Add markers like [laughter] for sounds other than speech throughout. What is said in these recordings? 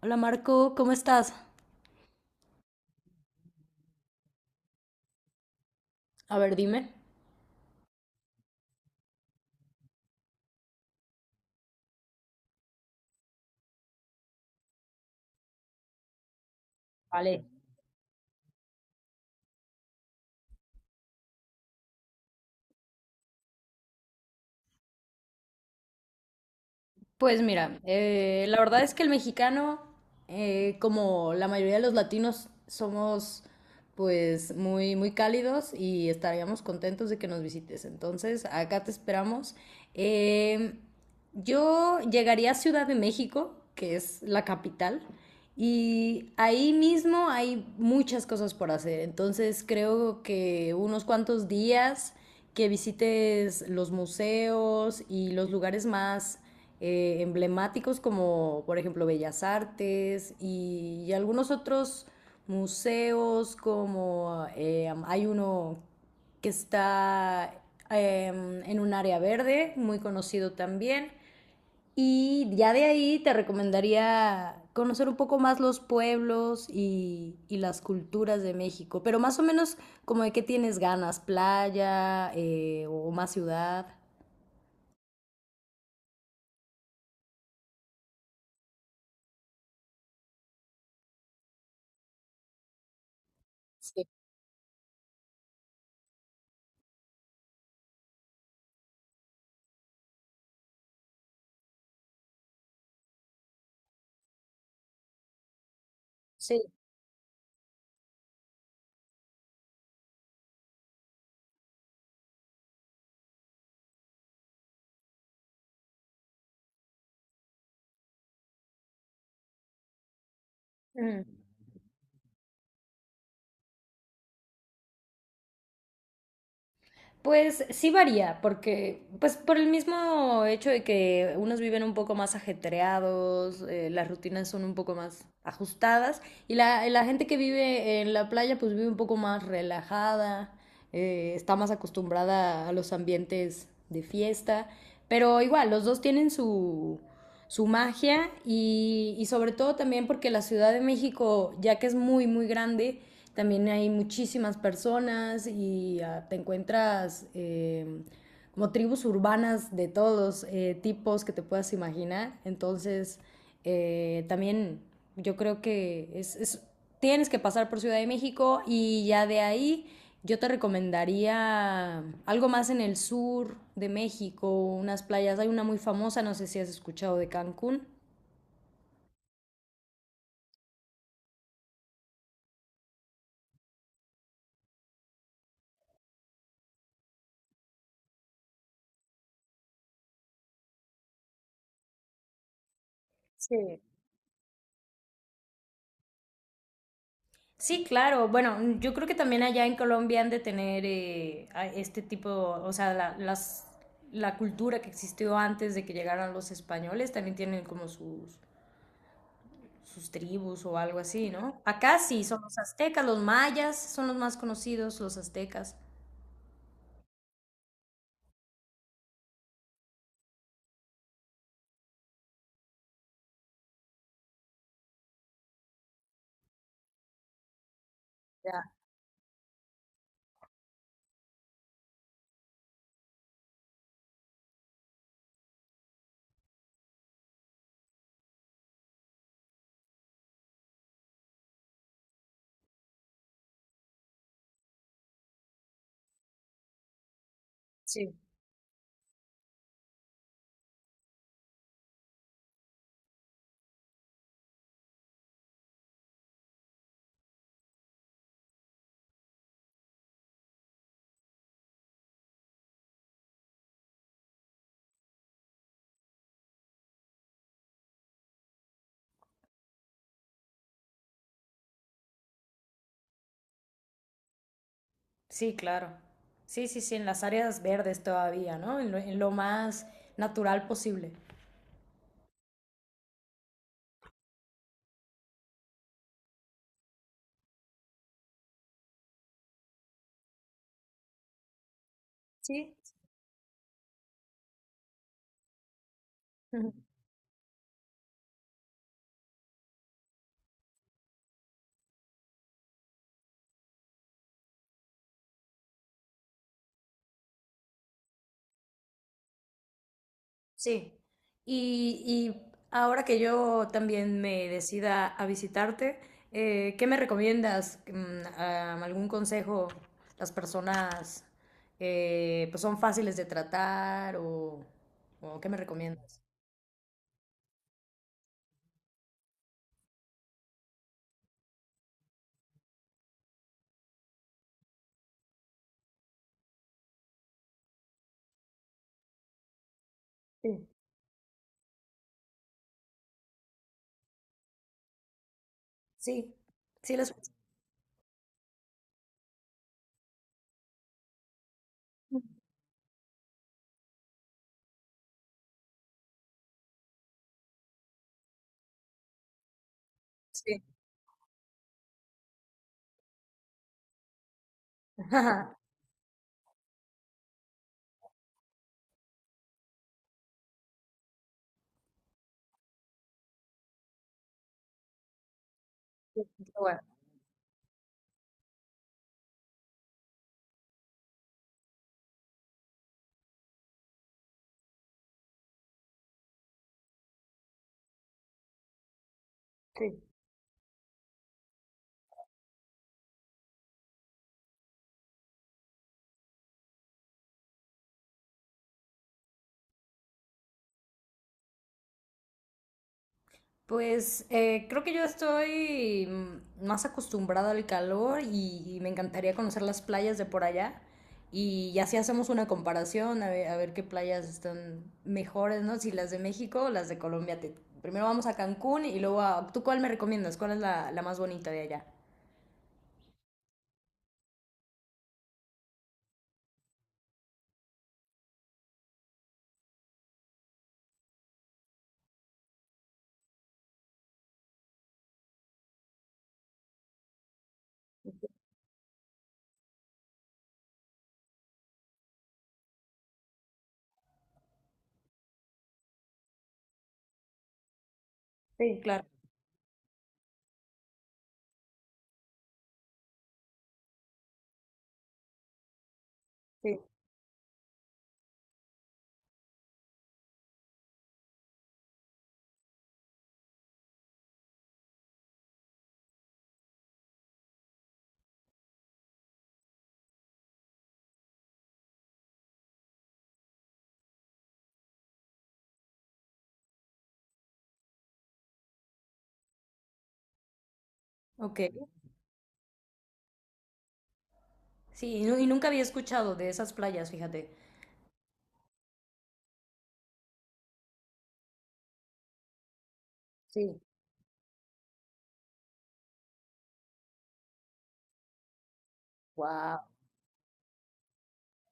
Hola Marco, ¿cómo estás? A ver, dime. Vale. Pues mira, la verdad es que el mexicano, como la mayoría de los latinos, somos pues muy, muy cálidos y estaríamos contentos de que nos visites. Entonces, acá te esperamos. Eh, yo llegaría a Ciudad de México, que es la capital, y ahí mismo hay muchas cosas por hacer. Entonces, creo que unos cuantos días que visites los museos y los lugares más emblemáticos, como por ejemplo Bellas Artes y algunos otros museos como hay uno que está eh, en un área verde, muy conocido también. Y ya de ahí te recomendaría conocer un poco más los pueblos y las culturas de México, pero más o menos como de qué tienes ganas, playa o más ciudad. Sí, sí. Ujú. Pues sí varía, porque pues por el mismo hecho de que unos viven un poco más ajetreados, las rutinas son un poco más ajustadas y la gente que vive en la playa pues vive un poco más relajada, está más acostumbrada a los ambientes de fiesta, pero igual los dos tienen su, su magia y sobre todo también porque la Ciudad de México, ya que es muy, muy grande, también hay muchísimas personas y ah, te encuentras como tribus urbanas de todos los tipos que te puedas imaginar. Entonces, también yo creo que tienes que pasar por Ciudad de México y ya de ahí yo te recomendaría algo más en el sur de México, unas playas. Hay una muy famosa, no sé si has escuchado de Cancún. Sí, sí, claro. Bueno, yo creo que también allá en Colombia han de tener este tipo, o sea, la cultura que existió antes de que llegaran los españoles, también tienen como sus, sus tribus o algo así, ¿no? Acá sí, son los aztecas, los mayas son los más conocidos, los aztecas. Ya, sí. Sí, claro. Sí, sí, sí, en las áreas verdes todavía, ¿no? En lo más natural posible. Sí. [laughs] Sí, y ahora que yo también me decida a visitarte, ¿qué me recomiendas? Mm, ah, ¿algún consejo? Las personas pues son fáciles de tratar o ¿qué me recomiendas? Sí, sí, sí, las. Sí, [laughs] ajá. Qué bueno. Pues creo que yo estoy mm, más acostumbrada al calor y me encantaría conocer las playas de por allá. Y así hacemos una comparación a ver qué playas están mejores, ¿no? Si las de México o las de Colombia. Te- primero vamos a Cancún y luego a... ¿Tú cuál me recomiendas? ¿Cuál es la más bonita de allá? Sí, claro, sí. Ok. Sí, y, nu- y nunca había escuchado de esas playas, fíjate. Sí. Wow.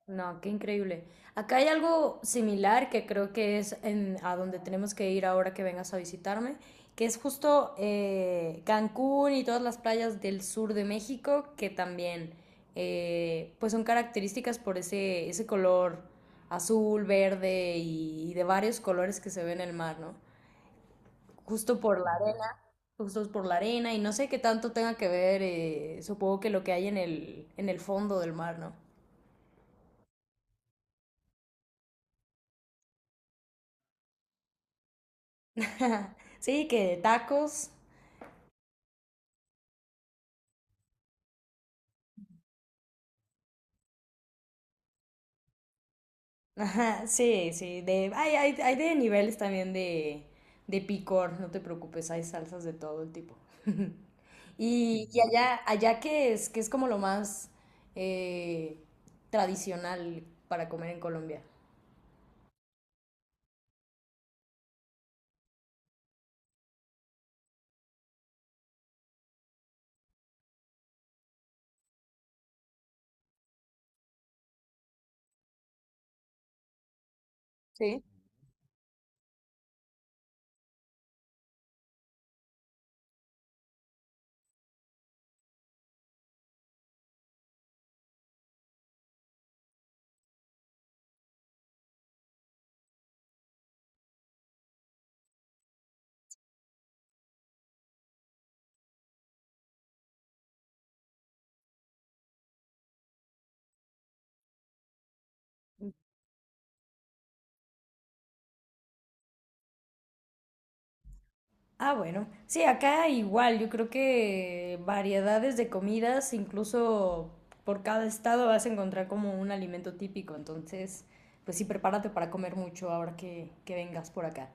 No, qué increíble. Acá hay algo similar, que creo que es en, a donde tenemos que ir ahora que vengas a visitarme, que es justo Cancún y todas las playas del sur de México, que también pues son características por ese, ese color azul, verde y de varios colores que se ve en el mar, ¿no? Justo por la arena, justo por la arena, y no sé qué tanto tenga que ver, supongo que lo que hay en el fondo del mar, ¿no? [laughs] Sí, que tacos. [laughs] Ajá, sí, sí. De, hay de niveles también de picor, no te preocupes, hay salsas de todo el tipo. [laughs] Y, y allá, allá que es como lo más eh, tradicional para comer en Colombia. Sí. Ah, bueno. Sí, acá igual, yo creo que variedades de comidas, incluso por cada estado vas a encontrar como un alimento típico, entonces, pues sí, prepárate para comer mucho ahora que vengas por acá.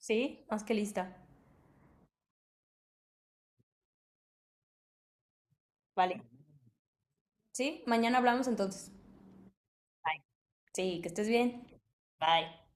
Sí, más que lista. Vale, sí, mañana hablamos entonces. Bye. Sí, que estés bien. Bye.